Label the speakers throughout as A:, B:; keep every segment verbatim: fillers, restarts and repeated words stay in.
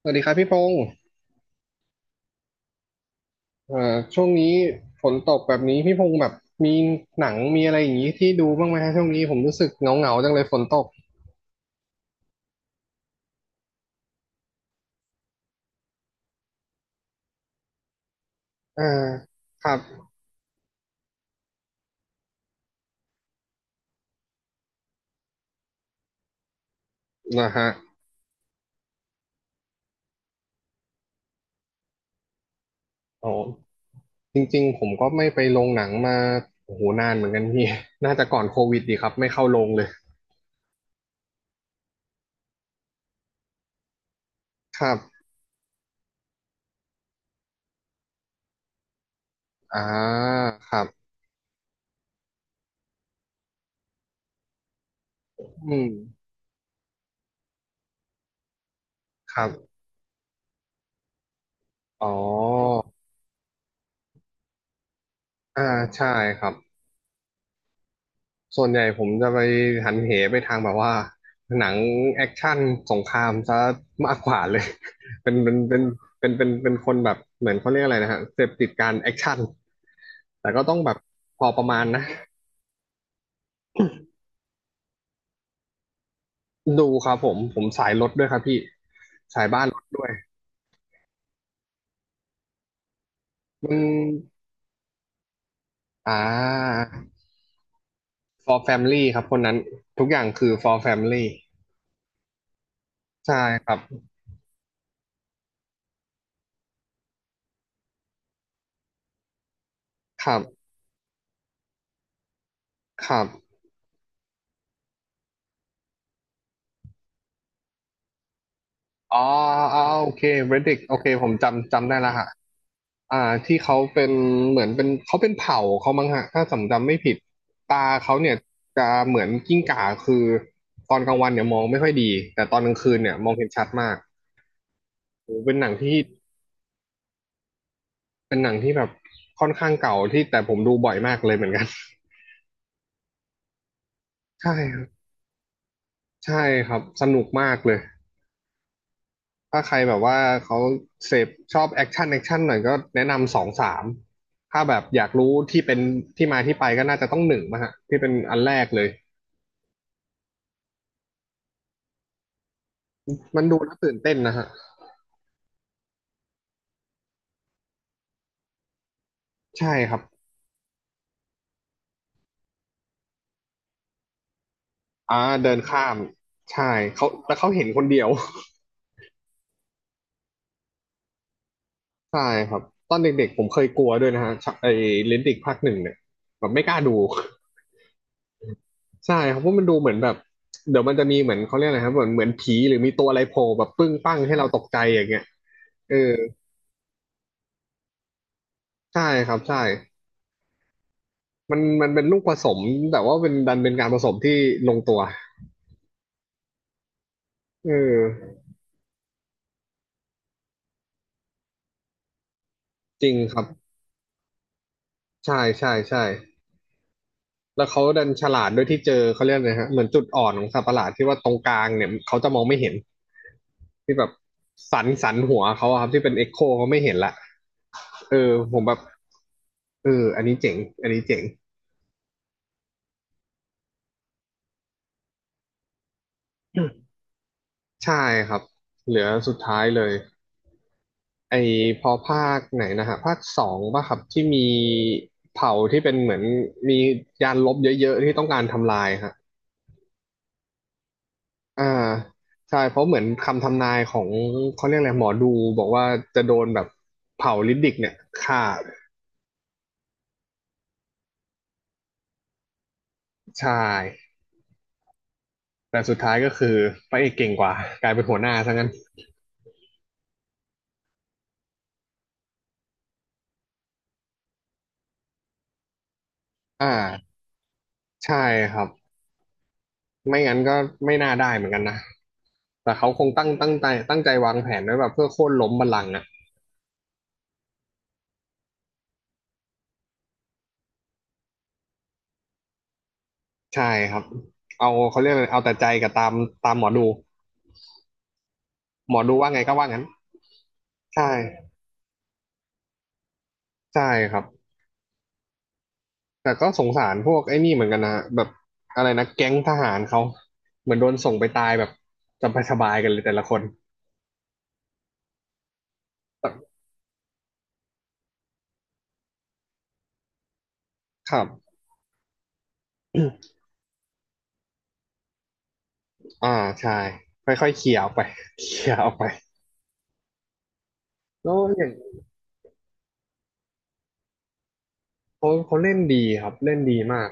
A: สวัสดีครับพี่พงศ์เอ่อช่วงนี้ฝนตกแบบนี้พี่พงศ์แบบมีหนังมีอะไรอย่างนี้ที่ดูบ้างไหมฮะช่วงนี้ผมรู้สึกเหงาๆจังเลยฝนตกเอ่าครับนะฮะ โอ้จริงๆผมก็ไม่ไปโรงหนังมาโอ้โหนานเหมือนกันพี่ น่าจะก่อนโควิดดีครับไม่เข้าโรงเลย ครับอ่าครับอืมครับ อ๋ออ่าใช่ครับ ส่วนใหญ่ผมจะไปหันเหไปทางแบบว่าหนังแอคชั่นสงครามซะมากกว่าเลย เป็นเป็นเป็นเป็นเป็นเป็นคนแบบเหมือนเขาเรียกอะไรนะฮะเสพติดการแอคชั่นแต่ก็ต้องแบบพอประมาณนะดูครับผมผมสายรถด้วยครับพี่สายบ้านรถด้วยมันอ่า for family ครับคนนั้นทุกอย่างคือ for family ใช่ครับครับครับอ๋ออ๋อโอเค Reddick โอเคผมจำจำได้แล้วฮะ อ่าที่เขาเป็นเหมือนเป็นเขาเป็นเผ่าเขามั้งฮะถ้าจำจำไม่ผิดตาเขาเนี่ยจะเหมือนกิ้งก่าคือตอนกลางวันเนี่ยมองไม่ค่อยดีแต่ตอนกลางคืนเนี่ยมองเห็นชัดมากโอ้เป็นหนังที่เป็นหนังที่แบบค่อนข้างเก่าที่แต่ผมดูบ่อยมากเลยเหมือนกัน ใช่ครับใช่ครับสนุกมากเลยถ้าใครแบบว่าเขาเสพชอบแอคชั่นแอคชั่นหน่อยก็แนะนำสองสามถ้าแบบอยากรู้ที่เป็นที่มาที่ไปก็น่าจะต้องหนึ่งมาฮะที่เป็นอันแรกเลยมันดูแล้วตื่นเต้นนะฮะ ใช่ครับอ่าเดินข้ามใช่เขาแล้วเขาเห็นคนเดียว ใช่ครับตอนเด็กๆผมเคยกลัวด้วยนะฮะชะไอ้เลนดิกภาคหนึ่งเนี่ยแบบไม่กล้าดู ใช่ครับเพราะมันดูเหมือนแบบเดี๋ยวมันจะมีเหมือนเขาเรียกอะไรครับเหมือนเหมือนผีหรือมีตัวอะไรโผล่แบบปึ้งปั้งให้เราตกใจอย่างเงี้ยเออใช่ครับใช่มันมันเป็นลูกผสมแต่ว่าเป็นดันเป็นการผสมที่ลงตัวเออจริงครับใช่ใช่ใช่ แล้วเขาดันฉลาดด้วยที่เจอเขาเรียกอะไรฮะเหมือนจุดอ่อนของสัตว์ประหลาดที่ว่าตรงกลางเนี่ยเขาจะมองไม่เห็นที่แบบสันสันหัวเขาอะครับที่เป็นเอ็กโคเขาไม่เห็นละเออผมแบบเอออันนี้เจ๋งอันนี้เจ๋งใช่ครับเหลือสุดท้ายเลยไอพอภาคไหนนะฮะภาคสองป่ะครับที่มีเผ่าที่เป็นเหมือนมียานลบเยอะๆที่ต้องการทำลายฮะ อ่าใช่เพราะเหมือนคำทำนายของเขาเรียกอะไรหมอดูบอกว่าจะโดนแบบเผาลิดดิกเนี่ยฆ่าใช่แต่สุดท้ายก็คือพระเอกเก่งกว่ากลายเป็นหัวหน้าซะงั้นอ่าใช่ครับไม่งั้นก็ไม่น่าได้เหมือนกันนะแต่เขาคงตั้งตั้งใจตั้งใจวางแผนไว้แบบเพื่อโค่นล้มบัลลังก์อ่ะใช่ครับเอาเขาเรียกอะไรเอาแต่ใจกับตามตามหมอดูหมอดูว่าไงก็ว่างั้นใช่ใช่ครับ แต่ก็สงสารพวกไอ้นี่เหมือนกันนะฮะแบบอะไรนะแก๊งทหารเขาเหมือนโดนส่งไปตายแบบสบายสบายกันเลยแต่ละคนครับ อ่าใช่ค่อยๆเคลียร์ออกไป เคลียร์ออกไปแล้วอย่างเขาเขาเล่นดีครับเล่นดีมาก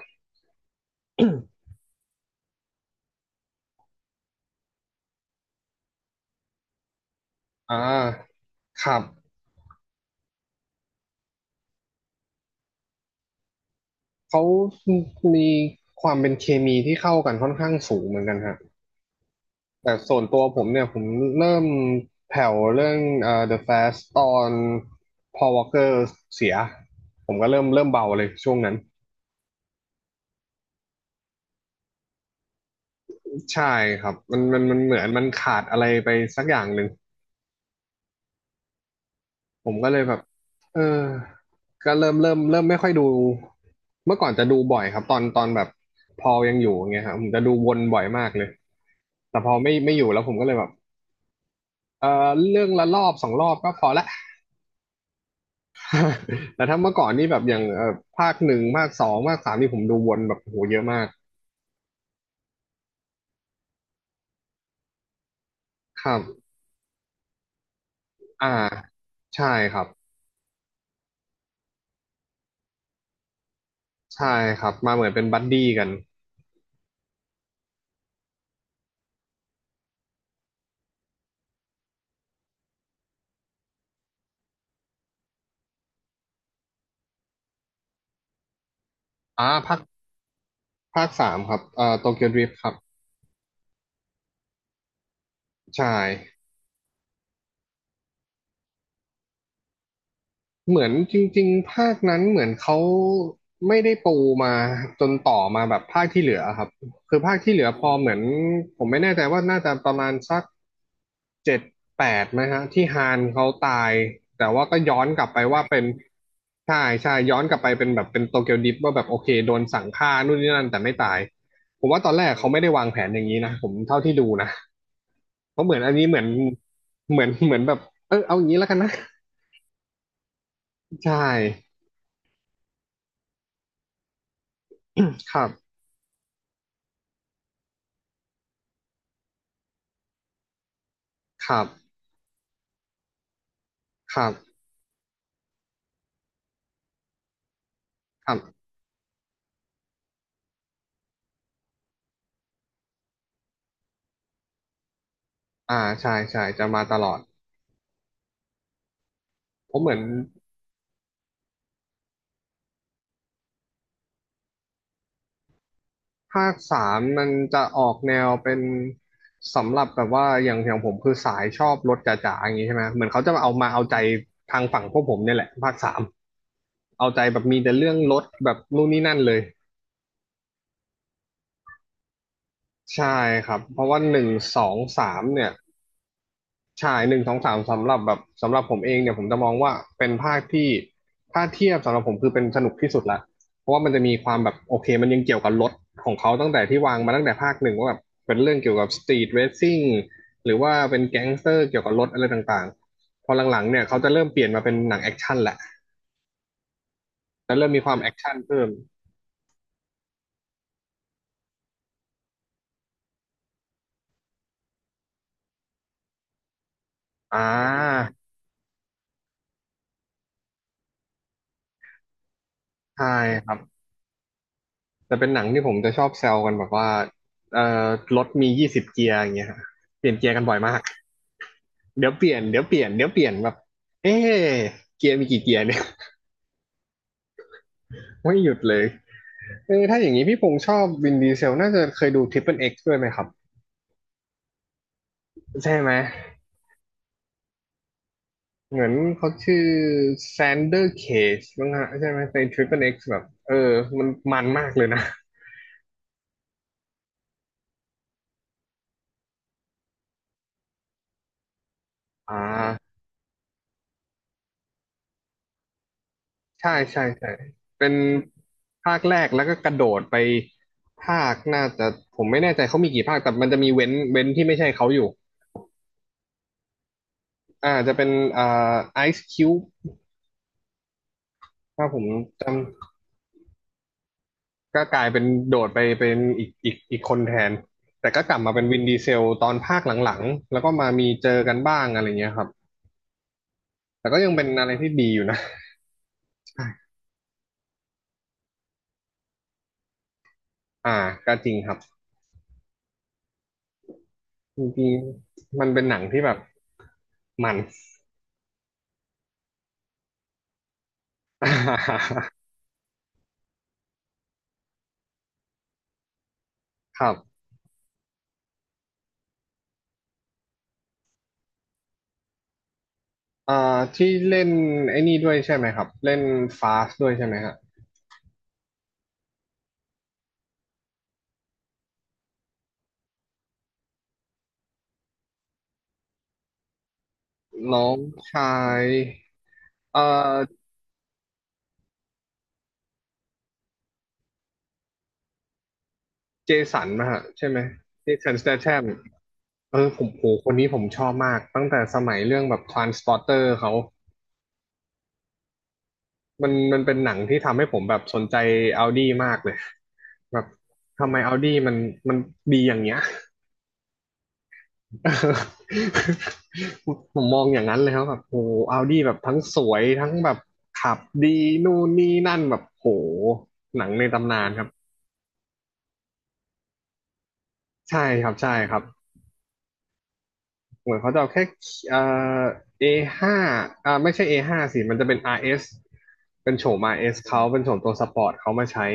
A: อ่าครับเขามีความเป็นเคมีที่เข้ากันค่อนข้างสูงเหมือนกันฮะ แต่ส่วนตัวผมเนี่ยผมเริ่มแผ่วเรื่องเอ่อ The f a s t ตอน Paul Walker เสียผมก็เริ่มเริ่มเบาเลยช่วงนั้นใช่ครับมันมันมันเหมือนมันขาดอะไรไปสักอย่างหนึ่งผมก็เลยแบบเออก็เริ่มเริ่มเริ่มไม่ค่อยดูเมื่อก่อนจะดูบ่อยครับตอนตอนแบบพอยังอยู่อย่างเงี้ยครับผมจะดูวนบ่อยมากเลยแต่พอไม่ไม่อยู่แล้วผมก็เลยแบบเออเรื่องละรอบสองรอบก็พอละ แต่ถ้าเมื่อก่อนนี่แบบอย่างเอ่อภาคหนึ่งภาคสองภาคสามนี่ผมดูวนแบบโหเยอะมากครับอ่าใช่ครับใช่ครับมาเหมือนเป็นบัดดี้กันอ่าภาคภาคสามครับเอ่อโตเกียวดริฟท์ครับใช่ เหมือนจริงๆภาคนั้นเหมือนเขาไม่ได้ปูมาจนต่อมาแบบภาคที่เหลือครับคือภาคที่เหลือพอเหมือนผมไม่แน่ใจว่าน่าจะประมาณสักเจ็ดแปดไหมฮะที่ฮานเขาตายแต่ว่าก็ย้อนกลับไปว่าเป็นใช่ใช่ย้อนกลับไปเป็นแบบเป็นโตเกียวดริฟต์ว่าแบบโอเคโดนสั่งฆ่านู่นนี่นั่นแต่ไม่ตายผมว่าตอนแรกเขาไม่ได้วางแผนอย่างนี้นะผมเท่าที่ดูนะเพราะเหมือนอันนี้เหมือนเหมือนเหมือนแบบเออเอาอย่างนี้แล้วกันนะใช่ ครับครับครับครับอ่าใช่ใช่จะมาตลอด เพราะเหมือน ภาคสามมันจะออกแนวเป็นสำหรับแบบว่าอย่างอย่างผมคือสายชอบรถจ๋าๆ อย่างนี้ใช่ไหม เหมือนเขาจะมาเอามาเอาใจทางฝั่งพวกผมเนี่ยแหละภาคสามเอาใจแบบมีแต่เรื่องรถแบบนู่นนี่นั่นเลย ใช่ครับ เพราะว่าหนึ่งสองสามเนี่ย ฉายหนึ่งสองสามสำหรับแบบสำหรับผมเองเนี่ยผมจะมองว่าเป็นภาคที่ถ้าเทียบสำหรับผมคือเป็นสนุกที่สุดละเพราะว่ามันจะมีความแบบโอเคมันยังเกี่ยวกับรถของเขาตั้งแต่ที่วางมาตั้งแต่ภาคหนึ่งว่าแบบเป็นเรื่องเกี่ยวกับสตรีทเรซซิ่งหรือว่าเป็นแก๊งสเตอร์เกี่ยวกับรถอะไรต่างๆพอหลังๆเนี่ยเขาจะเริ่มเปลี่ยนมาเป็นหนังแอคชั่นแหละจะเริ่มมีความแอคชั่นเพิ่มอ่าใช่ครับจะเป็นหนังที่ผมจะชอบแซวกันแบบว่าเอ่อรถมียี่สิบเกียร์อย่างเงี้ยฮะเปลี่ยนเกียร์กันบ่อยมาก เดี๋ยวเปลี่ยนเดี๋ยวเปลี่ยน เดี๋ยวเปลี่ยนแบบเอ๊ะเกียร์มีกี่เกียร์เนี่ย ไม่หยุดเลยเออถ้าอย่างนี้พี่พงษ์ชอบวินดีเซลน่าจะเคยดูทริป l e X เอ็กซ์ด้วยไหมครับ ใช่ไหม เหมือนเขาชื่อแซนเดอร์เคจมังฮะใช่ไหมในทริป l e X เอ็กซ์แบบ เออมันมันมากเลยนะ อ่า ใช่ ใช่ ใช่ เป็นภาคแรกแล้วก็กระโดดไปภาคน่าจะผมไม่แน่ใจเขามีกี่ภาค แต่มันจะมีเว้นเว้นที่ไม่ใช่เขาอยู่อ่าจะเป็นอ่าไอซ์คิวถ้าผมจำ ก็กลายเป็นโดดไปเป็นอีกอีกอีกคนแทนแต่ก็กลับมาเป็นวินดีเซลตอนภาคหลังๆแล้วก็มามีเจอกันบ้างอะไรเงี้ยครับแต่ก็ยังเป็นอะไรที่ดีอยู่นะ ใช่อ่าก็จริงครับจริงๆมันเป็นหนังที่แบบมัน ครับอ่าที่เล่นไอ้นี่ด้วยใช่ไหมครับเล่นฟาสด้วยใช่ไหมฮะน้องชายเอ่อเจสันนะฮะใช่ไหมเจสันสเต t ทม เออผมโหคนนี้ผมชอบมากตั้งแต่สมัยเรื่องแบบ Transporter เขามันมันเป็นหนังที่ทำให้ผมแบบสนใจ Audi มากเลยแบบทำไม Audi มันมันดีอย่างเงี้ย ผมมองอย่างนั้นเลยครับแบบโห Audi แบบทั้งสวยทั้งแบบขับดีนู่นนี่นั่นแบบโหหนังในตำนานครับใช่ครับใช่ครับ เหมือนเขาจะเอาแค่เอ่อ เอ ห้า อห้าอ่าไม่ใช่ เอ ห้า สิมันจะเป็น อาร์ เอส เอสเป็นโฉม อาร์ เอส เอสเขาเป็นโฉมตัวสปอร์ตเขามาใช้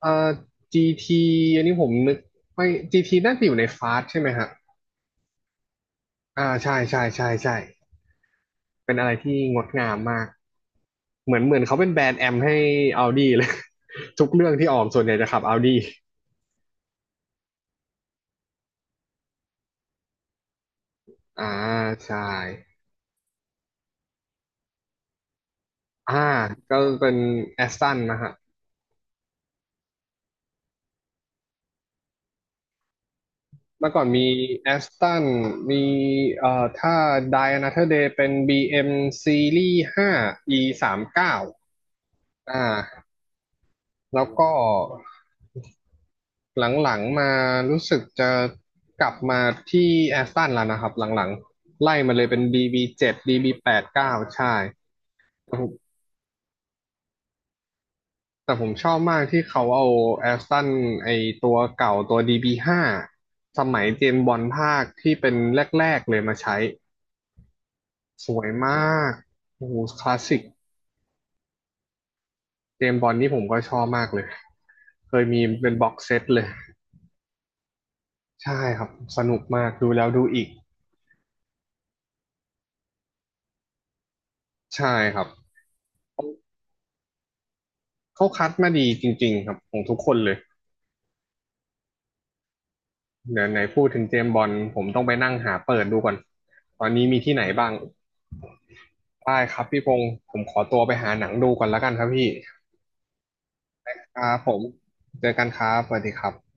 A: เอ่อ จี ที อันนี้ผมนึกไม่ จี ที น่าจะอยู่ในฟาสใช่ไหมฮะอ่าใช่ใช่ใช่ใช่เป็นอะไรที่งดงามมากเหมือนเหมือนเขาเป็นแบรนด์แอมให้ Audi เลย ทุกเรื่องที่ออกส่วนใหญ่จะขับ Audi อ่าใช่อ่าก็เป็นแอสตันนะฮะ เมื่อก่อนมีแอสตันมีเอ่อถ้า Die Another Day เป็น บี เอ็ม Series ห้า E สามสิบเก้าอ่าแล้วก็หลังๆมารู้สึกจะกลับมาที่แอสตันแล้วนะครับหลังๆไล่มาเลยเป็น ดี บี เจ็ด ดี บี แปดเก้าใช่แต่ผมแต่ผมชอบมากที่เขาเอาแอสตันไอตัวเก่าตัว ดี บี ห้าสมัยเจมส์บอนด์ภาคที่เป็นแรกๆเลยมาใช้ สวยมากโอ้โหคลาสสิกเจมส์บอนด์นี่ผมก็ชอบมากเลย เคยมีเป็นบ็อกเซตเลย ใช่ครับสนุกมากดูแล้วดูอีก ใช่ครับ เขาคัดมาดีจริงๆครับของทุกคนเลยเดี๋ยวไหนพูดถึงเจมส์บอนด์ผมต้องไปนั่งหาเปิดดูก่อนตอนนี้มีที่ไหนบ้างได้ครับพี่พงศ์ผมขอตัวไปหาหนังดูก่อนแล้วกันครับพี่ครับผมเจอกันครับสวัสดีครับ